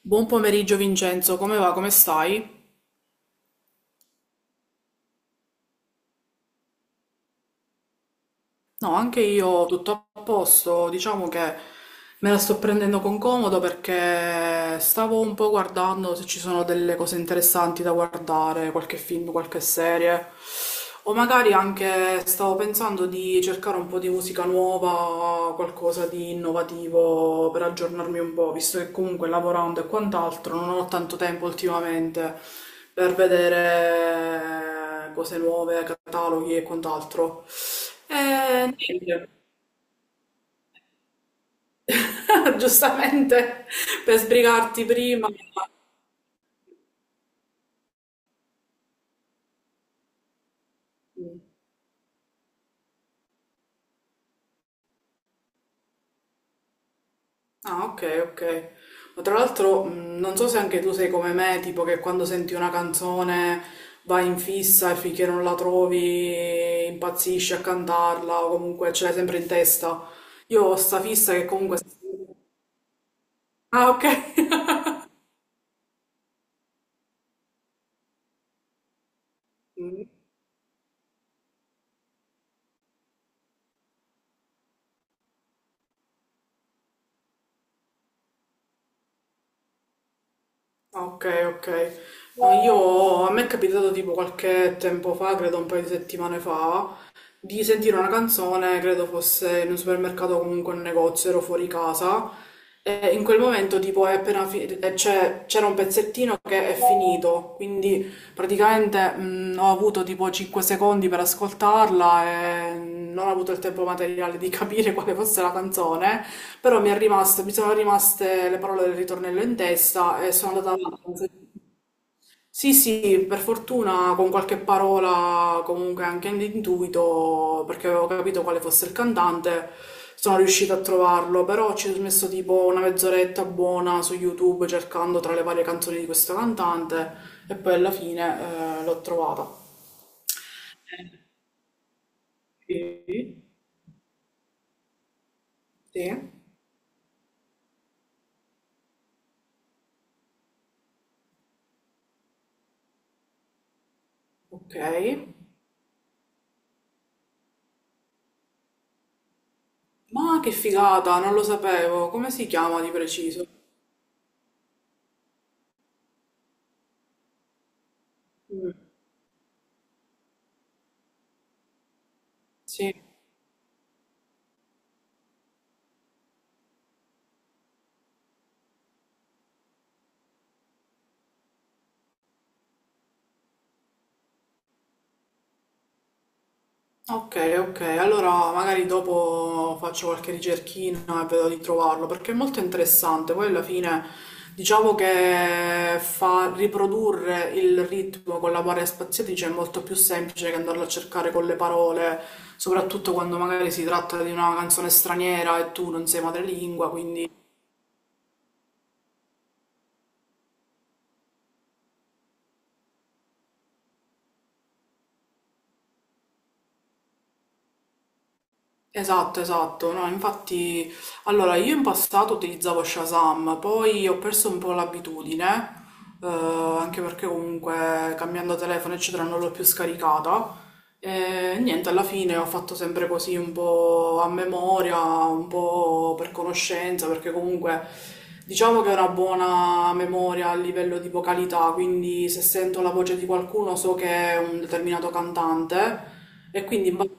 Buon pomeriggio Vincenzo, come va? Come stai? No, anche io tutto a posto, diciamo che me la sto prendendo con comodo perché stavo un po' guardando se ci sono delle cose interessanti da guardare, qualche film, qualche serie, o magari anche stavo pensando di cercare un po' di musica nuova, qualcosa di innovativo per aggiornarmi un po', visto che comunque lavorando e quant'altro non ho tanto tempo ultimamente per vedere cose nuove, cataloghi e quant'altro. Eh, Niente. Giustamente per sbrigarti prima. Mm. Ah, ok, ok. Ma tra l'altro, non so se anche tu sei come me, tipo che quando senti una canzone vai in fissa e finché non la trovi impazzisci a cantarla o comunque ce l'hai sempre in testa. Io ho sta fissa che comunque... Ah, ok. Ok, ok. No, io, a me è capitato tipo qualche tempo fa, credo un paio di settimane fa, di sentire una canzone, credo fosse in un supermercato o comunque in un negozio, ero fuori casa. E in quel momento, tipo, è appena fi- c'è- c'era un pezzettino che è finito, quindi praticamente ho avuto tipo 5 secondi per ascoltarla e non ho avuto il tempo materiale di capire quale fosse la canzone, però mi è rimasto, mi sono rimaste le parole del ritornello in testa e sono andata avanti. Sì, sì, per fortuna con qualche parola, comunque anche all'intuito, perché avevo capito quale fosse il cantante, sono riuscita a trovarlo, però ci ho messo tipo una mezz'oretta buona su YouTube cercando tra le varie canzoni di questo cantante e poi alla fine l'ho trovata. Sì, sì, ok. Ma che figata, non lo sapevo, come si chiama di preciso? Mm. Sì. Ok, ok, allora magari dopo faccio qualche ricerchina e vedo di trovarlo perché è molto interessante. Poi alla fine diciamo che fa riprodurre il ritmo con la varia spaziatrice è molto più semplice che andarlo a cercare con le parole, soprattutto quando magari si tratta di una canzone straniera e tu non sei madrelingua, quindi esatto, esatto, no, infatti, allora io in passato utilizzavo Shazam, poi ho perso un po' l'abitudine, eh, anche perché comunque cambiando telefono eccetera non l'ho più scaricata e niente, alla fine ho fatto sempre così un po' a memoria, un po' per conoscenza, perché comunque diciamo che ho una buona memoria a livello di vocalità, quindi se sento la voce di qualcuno so che è un determinato cantante e quindi...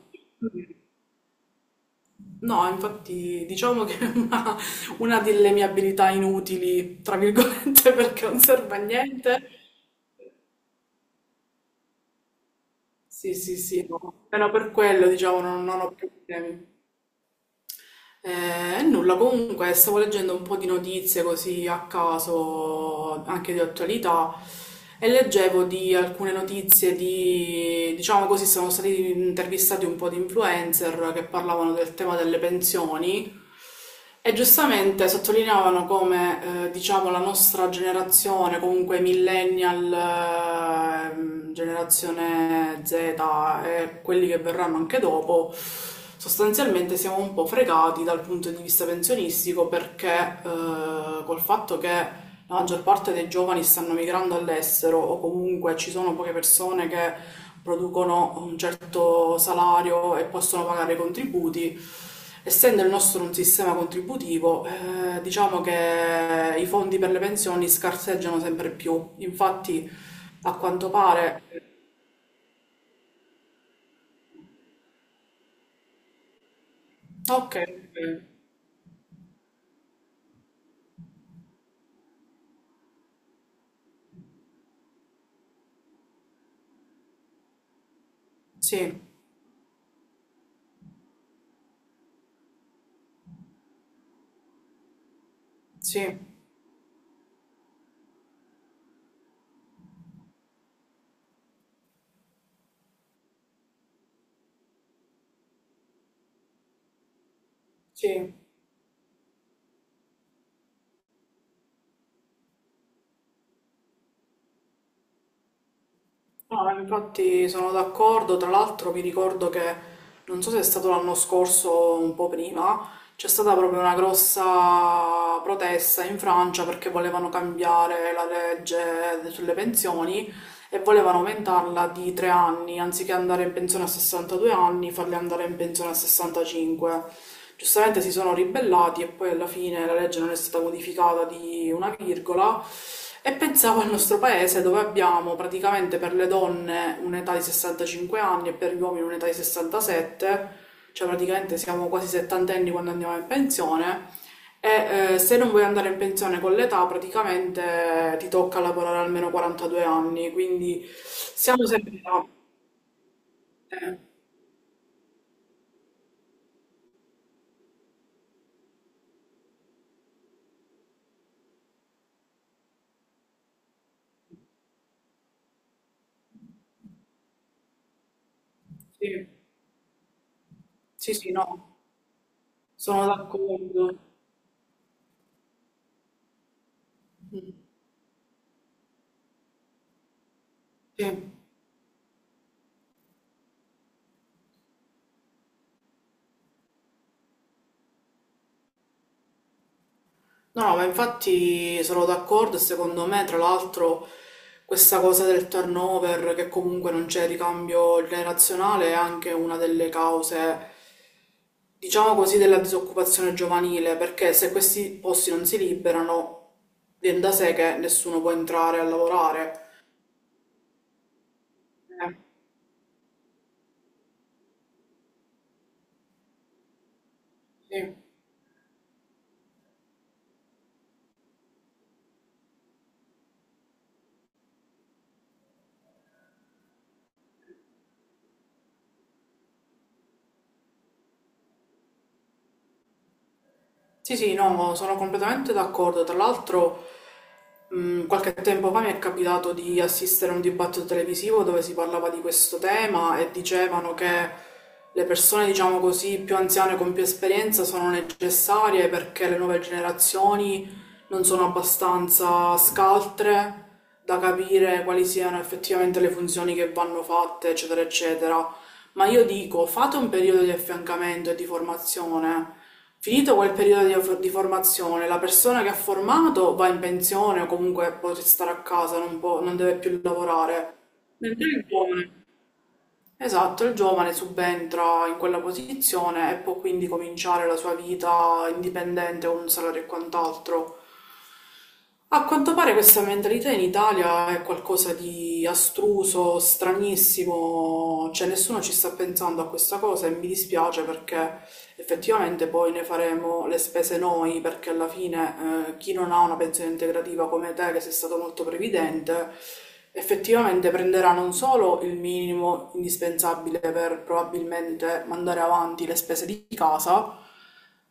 No, infatti diciamo che è una delle mie abilità inutili, tra virgolette, perché non serve a niente. Sì, sì, sì, no. Meno per quello, diciamo, non, non ho più problemi. Nulla, comunque stavo leggendo un po' di notizie così a caso, anche di attualità, e leggevo di alcune notizie di, diciamo così, sono stati intervistati un po' di influencer che parlavano del tema delle pensioni. E giustamente sottolineavano come, diciamo, la nostra generazione, comunque millennial, generazione Z e quelli che verranno anche dopo, sostanzialmente siamo un po' fregati dal punto di vista pensionistico perché col fatto che la maggior parte dei giovani stanno migrando all'estero o comunque ci sono poche persone che producono un certo salario e possono pagare i contributi. Essendo il nostro un sistema contributivo, diciamo che i fondi per le pensioni scarseggiano sempre più. Infatti, a quanto pare... Ok, sì, sì, sì. No, infatti sono d'accordo, tra l'altro mi ricordo che, non so se è stato l'anno scorso o un po' prima, c'è stata proprio una grossa protesta in Francia perché volevano cambiare la legge sulle pensioni e volevano aumentarla di 3 anni, anziché andare in pensione a 62 anni, farli andare in pensione a 65. Giustamente si sono ribellati e poi alla fine la legge non è stata modificata di una virgola. E pensavo al nostro paese dove abbiamo praticamente per le donne un'età di 65 anni e per gli uomini un'età di 67, cioè praticamente siamo quasi settantenni quando andiamo in pensione e se non vuoi andare in pensione con l'età, praticamente ti tocca lavorare almeno 42 anni, quindi siamo sempre là. Eh, sì, sì, sì, no, sono d'accordo. Mm. Sì. No, ma infatti sono d'accordo e secondo me, tra l'altro, questa cosa del turnover, che comunque non c'è ricambio generazionale, è anche una delle cause, diciamo così, della disoccupazione giovanile, perché se questi posti non si liberano, viene da sé che nessuno può entrare a lavorare. Eh, sì. Sì, sì, no, sono completamente d'accordo. Tra l'altro, qualche tempo fa mi è capitato di assistere a un dibattito televisivo dove si parlava di questo tema e dicevano che le persone, diciamo così, più anziane con più esperienza sono necessarie perché le nuove generazioni non sono abbastanza scaltre da capire quali siano effettivamente le funzioni che vanno fatte, eccetera, eccetera. Ma io dico, fate un periodo di affiancamento e di formazione. Finito quel periodo di formazione, la persona che ha formato va in pensione o comunque può restare a casa, non deve più lavorare. Mentre il giovane. Esatto, il giovane subentra in quella posizione e può quindi cominciare la sua vita indipendente con un salario e quant'altro. A quanto pare questa mentalità in Italia è qualcosa di astruso, stranissimo, cioè nessuno ci sta pensando a questa cosa e mi dispiace perché effettivamente poi ne faremo le spese noi, perché alla fine chi non ha una pensione integrativa come te, che sei stato molto previdente, effettivamente prenderà non solo il minimo indispensabile per probabilmente mandare avanti le spese di casa,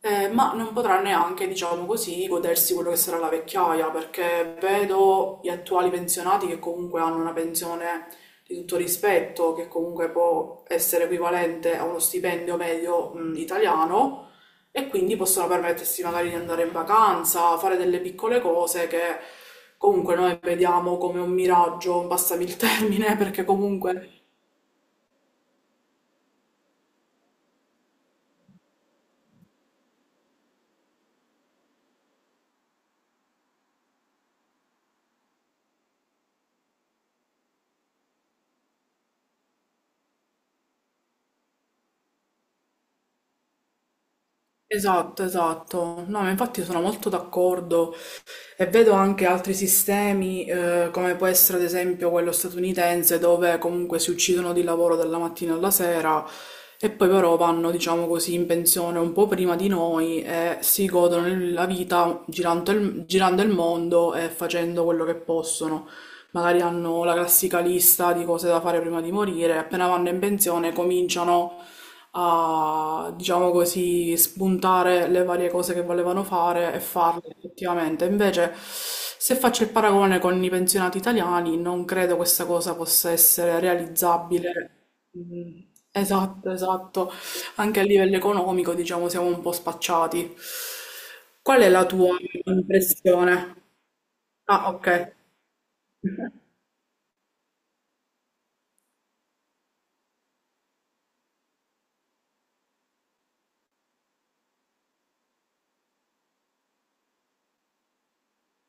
ma non potrà neanche, diciamo così, godersi quello che sarà la vecchiaia, perché vedo gli attuali pensionati che comunque hanno una pensione di tutto rispetto, che comunque può essere equivalente a uno stipendio medio, italiano, e quindi possono permettersi magari di andare in vacanza, fare delle piccole cose che comunque noi vediamo come un miraggio, passami il termine, perché comunque... Esatto, esatto. No, ma infatti sono molto d'accordo. E vedo anche altri sistemi, come può essere ad esempio quello statunitense, dove comunque si uccidono di lavoro dalla mattina alla sera e poi però vanno, diciamo così, in pensione un po' prima di noi e si godono la vita girando il mondo e facendo quello che possono. Magari hanno la classica lista di cose da fare prima di morire, appena vanno in pensione cominciano a, diciamo così, spuntare le varie cose che volevano fare e farle effettivamente. Invece, se faccio il paragone con i pensionati italiani, non credo questa cosa possa essere realizzabile. Mm. Esatto, esatto. Anche a livello economico, diciamo, siamo un po' spacciati. Qual è la tua impressione? Ah, ok.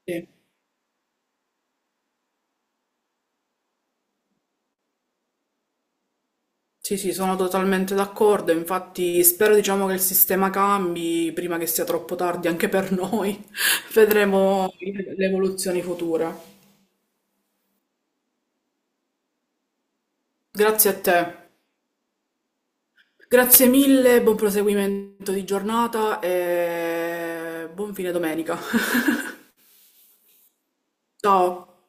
Sì. Sì, sì, sono totalmente d'accordo, infatti spero diciamo che il sistema cambi prima che sia troppo tardi anche per noi. Vedremo le evoluzioni future. Grazie a te. Grazie mille, buon proseguimento di giornata e buon fine domenica. Ciao.